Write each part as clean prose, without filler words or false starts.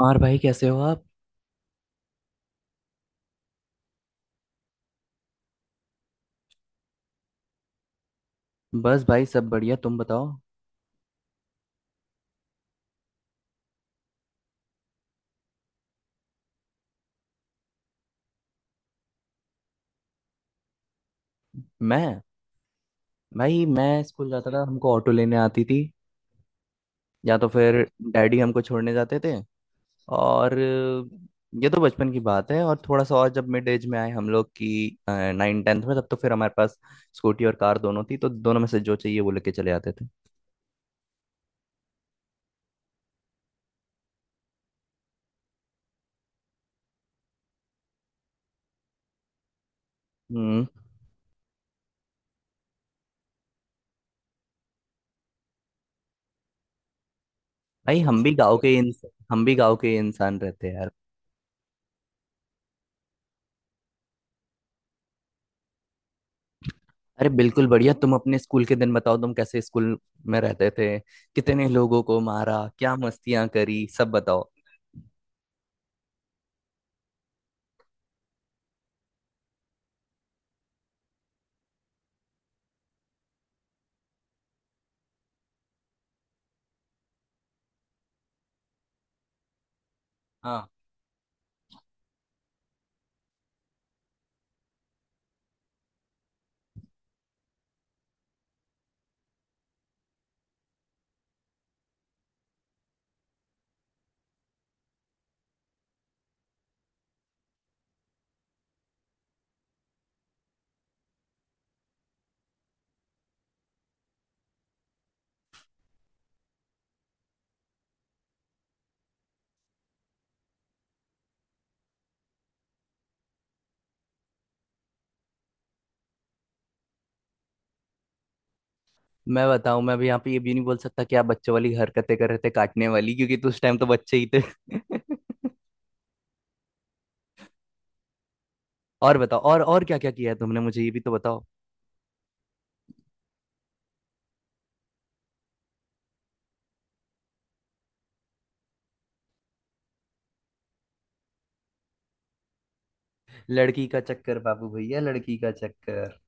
और भाई कैसे हो आप। बस भाई सब बढ़िया, तुम बताओ। मैं भाई मैं स्कूल जाता था, हमको ऑटो लेने आती थी या तो फिर डैडी हमको छोड़ने जाते थे। और ये तो बचपन की बात है। और थोड़ा सा और जब मिड एज में आए हम लोग की 9th-10th में, तब तो फिर हमारे पास स्कूटी और कार दोनों थी, तो दोनों में से जो चाहिए वो लेके चले आते थे। हम्म। भाई हम भी गाँव के इंस- हम भी गाँव के इंसान रहते हैं। अरे बिल्कुल बढ़िया। तुम अपने स्कूल के दिन बताओ, तुम कैसे स्कूल में रहते थे, कितने लोगों को मारा, क्या मस्तियां करी, सब बताओ। हाँ। मैं बताऊं, मैं भी यहाँ पे ये भी नहीं बोल सकता कि आप बच्चों वाली हरकतें कर रहे थे काटने वाली, क्योंकि तो उस टाइम तो बच्चे ही थे। और बताओ, और क्या क्या किया है तुमने, मुझे ये भी तो बताओ। लड़की का चक्कर बाबू भैया, लड़की का चक्कर।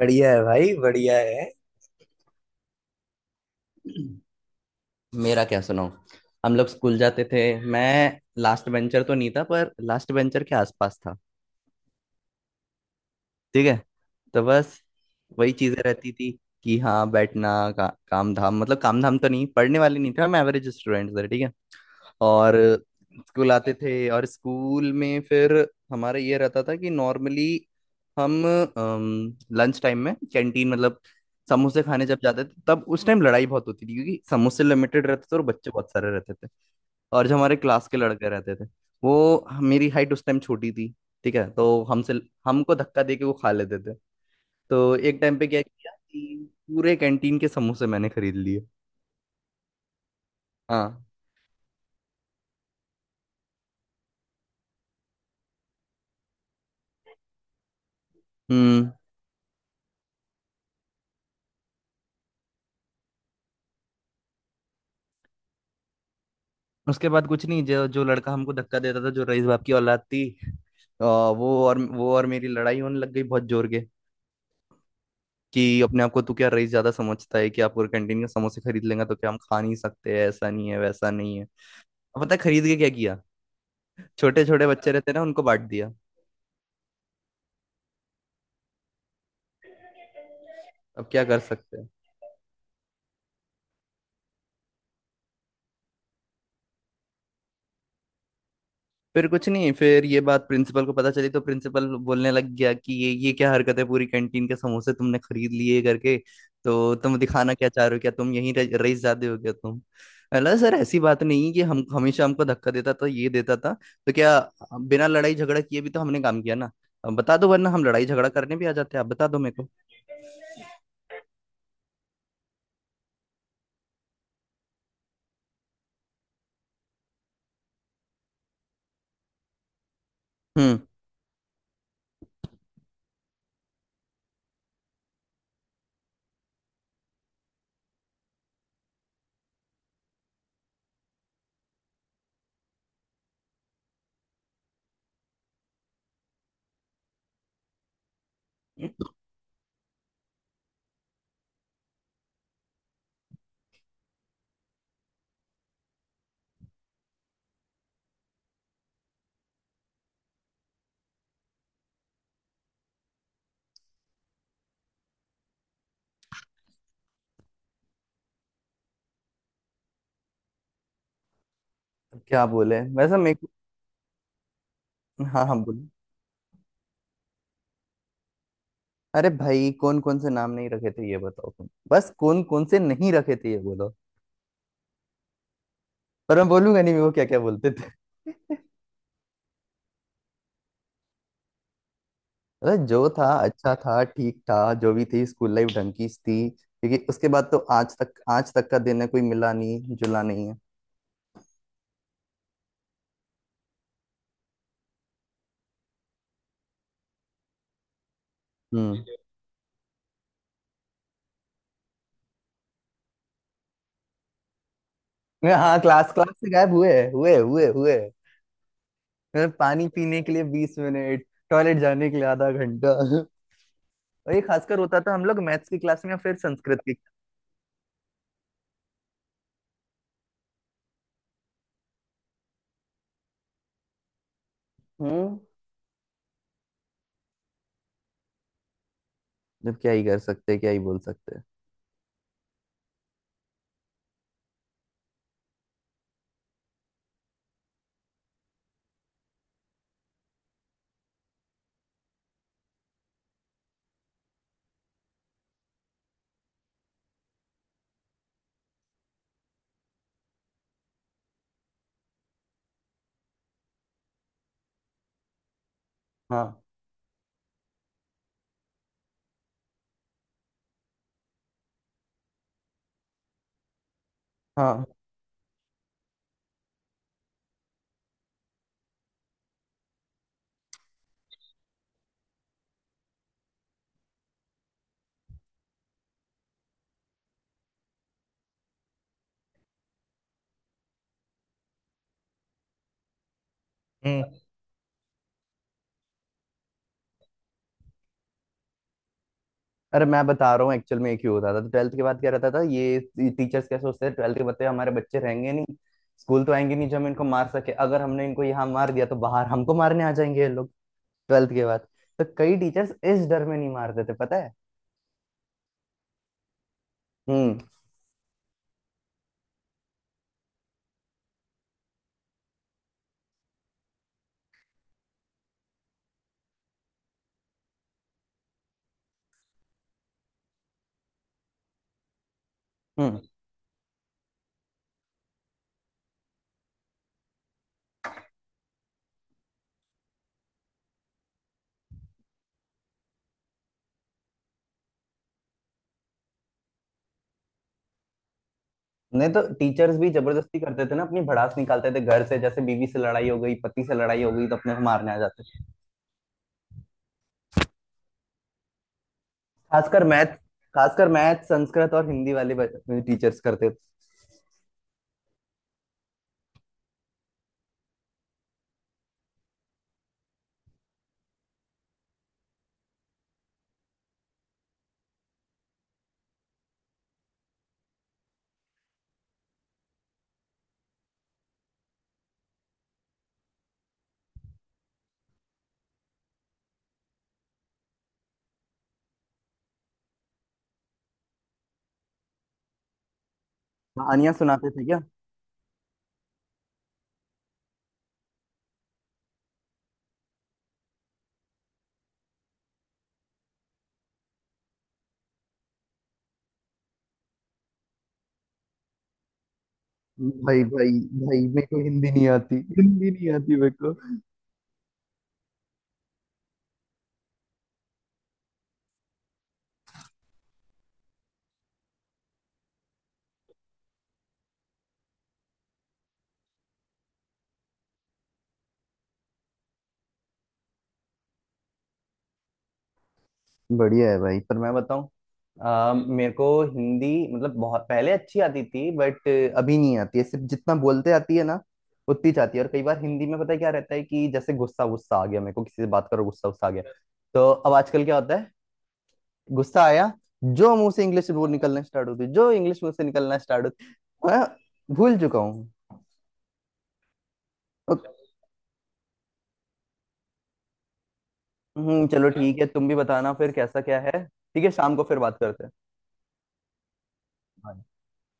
बढ़िया है भाई, बढ़िया है। मेरा क्या सुनाऊं। हम लोग स्कूल जाते थे। मैं लास्ट बेंचर तो नहीं था, पर लास्ट बेंचर के आसपास था। ठीक है, तो बस वही चीजें रहती थी कि हाँ बैठना। काम धाम, मतलब काम धाम तो नहीं, पढ़ने वाले नहीं थे हम, एवरेज स्टूडेंट थे। ठीक है। और स्कूल आते थे और स्कूल में फिर हमारा ये रहता था कि नॉर्मली हम लंच टाइम में कैंटीन, मतलब समोसे खाने जब जाते थे, तब उस टाइम लड़ाई बहुत होती थी क्योंकि समोसे लिमिटेड रहते थे और बच्चे बहुत सारे रहते थे। और जो हमारे क्लास के लड़के रहते थे, वो, मेरी हाइट उस टाइम छोटी थी, ठीक है, तो हमसे, हमको धक्का दे के वो खा लेते थे। तो एक टाइम पे क्या किया कि पूरे कैंटीन के समोसे मैंने खरीद लिए। हाँ। हम्म। उसके बाद कुछ नहीं, जो जो लड़का हमको धक्का देता था, जो रईस बाप की औलाद थी, वो और मेरी लड़ाई होने लग गई बहुत जोर के। कि अपने आप को तू क्या रईस ज्यादा समझता है कि आप पूरे कैंटीन का समोसे खरीद लेंगे तो क्या हम खा नहीं सकते, ऐसा नहीं है, वैसा नहीं है। अब पता है खरीद के क्या किया? छोटे छोटे बच्चे रहते ना, उनको बांट दिया। अब क्या कर सकते हैं। फिर कुछ नहीं, फिर ये बात प्रिंसिपल को पता चली तो प्रिंसिपल बोलने लग गया कि ये क्या हरकत है, पूरी कैंटीन के समोसे तुमने खरीद लिए करके, तो तुम दिखाना क्या चाह रहे हो, क्या तुम रईसजादे हो क्या तुम। अल्लाह सर ऐसी बात नहीं कि, हम हमेशा, हमको धक्का देता था ये देता था, तो क्या बिना लड़ाई झगड़ा किए भी तो हमने काम किया ना। अब बता दो, वरना हम लड़ाई झगड़ा करने भी आ जाते हैं, आप बता दो मेरे को। हम्म। तो क्या बोले वैसा मेरे को। हाँ हाँ बोलो। अरे भाई कौन कौन से नाम नहीं रखे थे ये बताओ तुम, बस कौन कौन से नहीं रखे थे ये बोलो। पर मैं बोलूंगा नहीं वो क्या क्या बोलते थे। मतलब जो था अच्छा था, ठीक था। जो भी थी स्कूल लाइफ ढंग की थी, क्योंकि उसके बाद तो आज तक, आज तक का दिन है कोई मिला नहीं, जुला नहीं है। हम्म। हाँ क्लास, क्लास से गायब हुए हुए हुए हुए मतलब पानी पीने के लिए 20 मिनट, टॉयलेट जाने के लिए आधा घंटा। और ये खासकर होता था हम लोग मैथ्स की क्लास में या फिर संस्कृत की। हम्म। जब क्या ही कर सकते, क्या ही बोल सकते। हाँ हाँ। हम्म। अरे मैं बता रहा हूँ, एक्चुअल में ये क्यों होता था, तो ट्वेल्थ के बाद क्या रहता था, ये टीचर्स क्या सोचते हैं ट्वेल्थ के बाद तो हमारे बच्चे रहेंगे नहीं, स्कूल तो आएंगे नहीं, जो हम इनको मार सके। अगर हमने इनको यहाँ मार दिया तो बाहर हमको मारने आ जाएंगे ये लोग ट्वेल्थ के बाद, तो कई टीचर्स इस डर में नहीं मारते थे पता है। हम्म। हम्म। नहीं तो टीचर्स भी जबरदस्ती करते थे ना, अपनी भड़ास निकालते थे घर से, जैसे बीवी से लड़ाई हो गई, पति से लड़ाई हो गई, तो अपने को मारने आ जाते थे। खासकर मैथ खासकर मैथ, संस्कृत और हिंदी वाले टीचर्स करते थे। कहानियां सुनाते थे क्या। भाई भाई भाई मेरे को हिंदी नहीं आती, हिंदी नहीं आती मेरे को। बढ़िया है भाई, पर मैं बताऊं, मेरे को हिंदी मतलब बहुत पहले अच्छी आती थी, बट अभी नहीं आती है, सिर्फ जितना बोलते आती है ना उतनी जाती है। और कई बार हिंदी में पता है क्या रहता है कि जैसे गुस्सा गुस्सा आ गया मेरे को, किसी से बात करो, गुस्सा गुस्सा आ गया। तो अब आजकल क्या होता है, गुस्सा आया, जो मुंह से इंग्लिश वो निकलना स्टार्ट होती, जो इंग्लिश मुंह से निकलना स्टार्ट होती। मैं भूल चुका हूँ। चलो, है ना, ठीक है, तुम भी बताना फिर कैसा क्या है। ठीक है, शाम को फिर बात करते हैं। हाँ।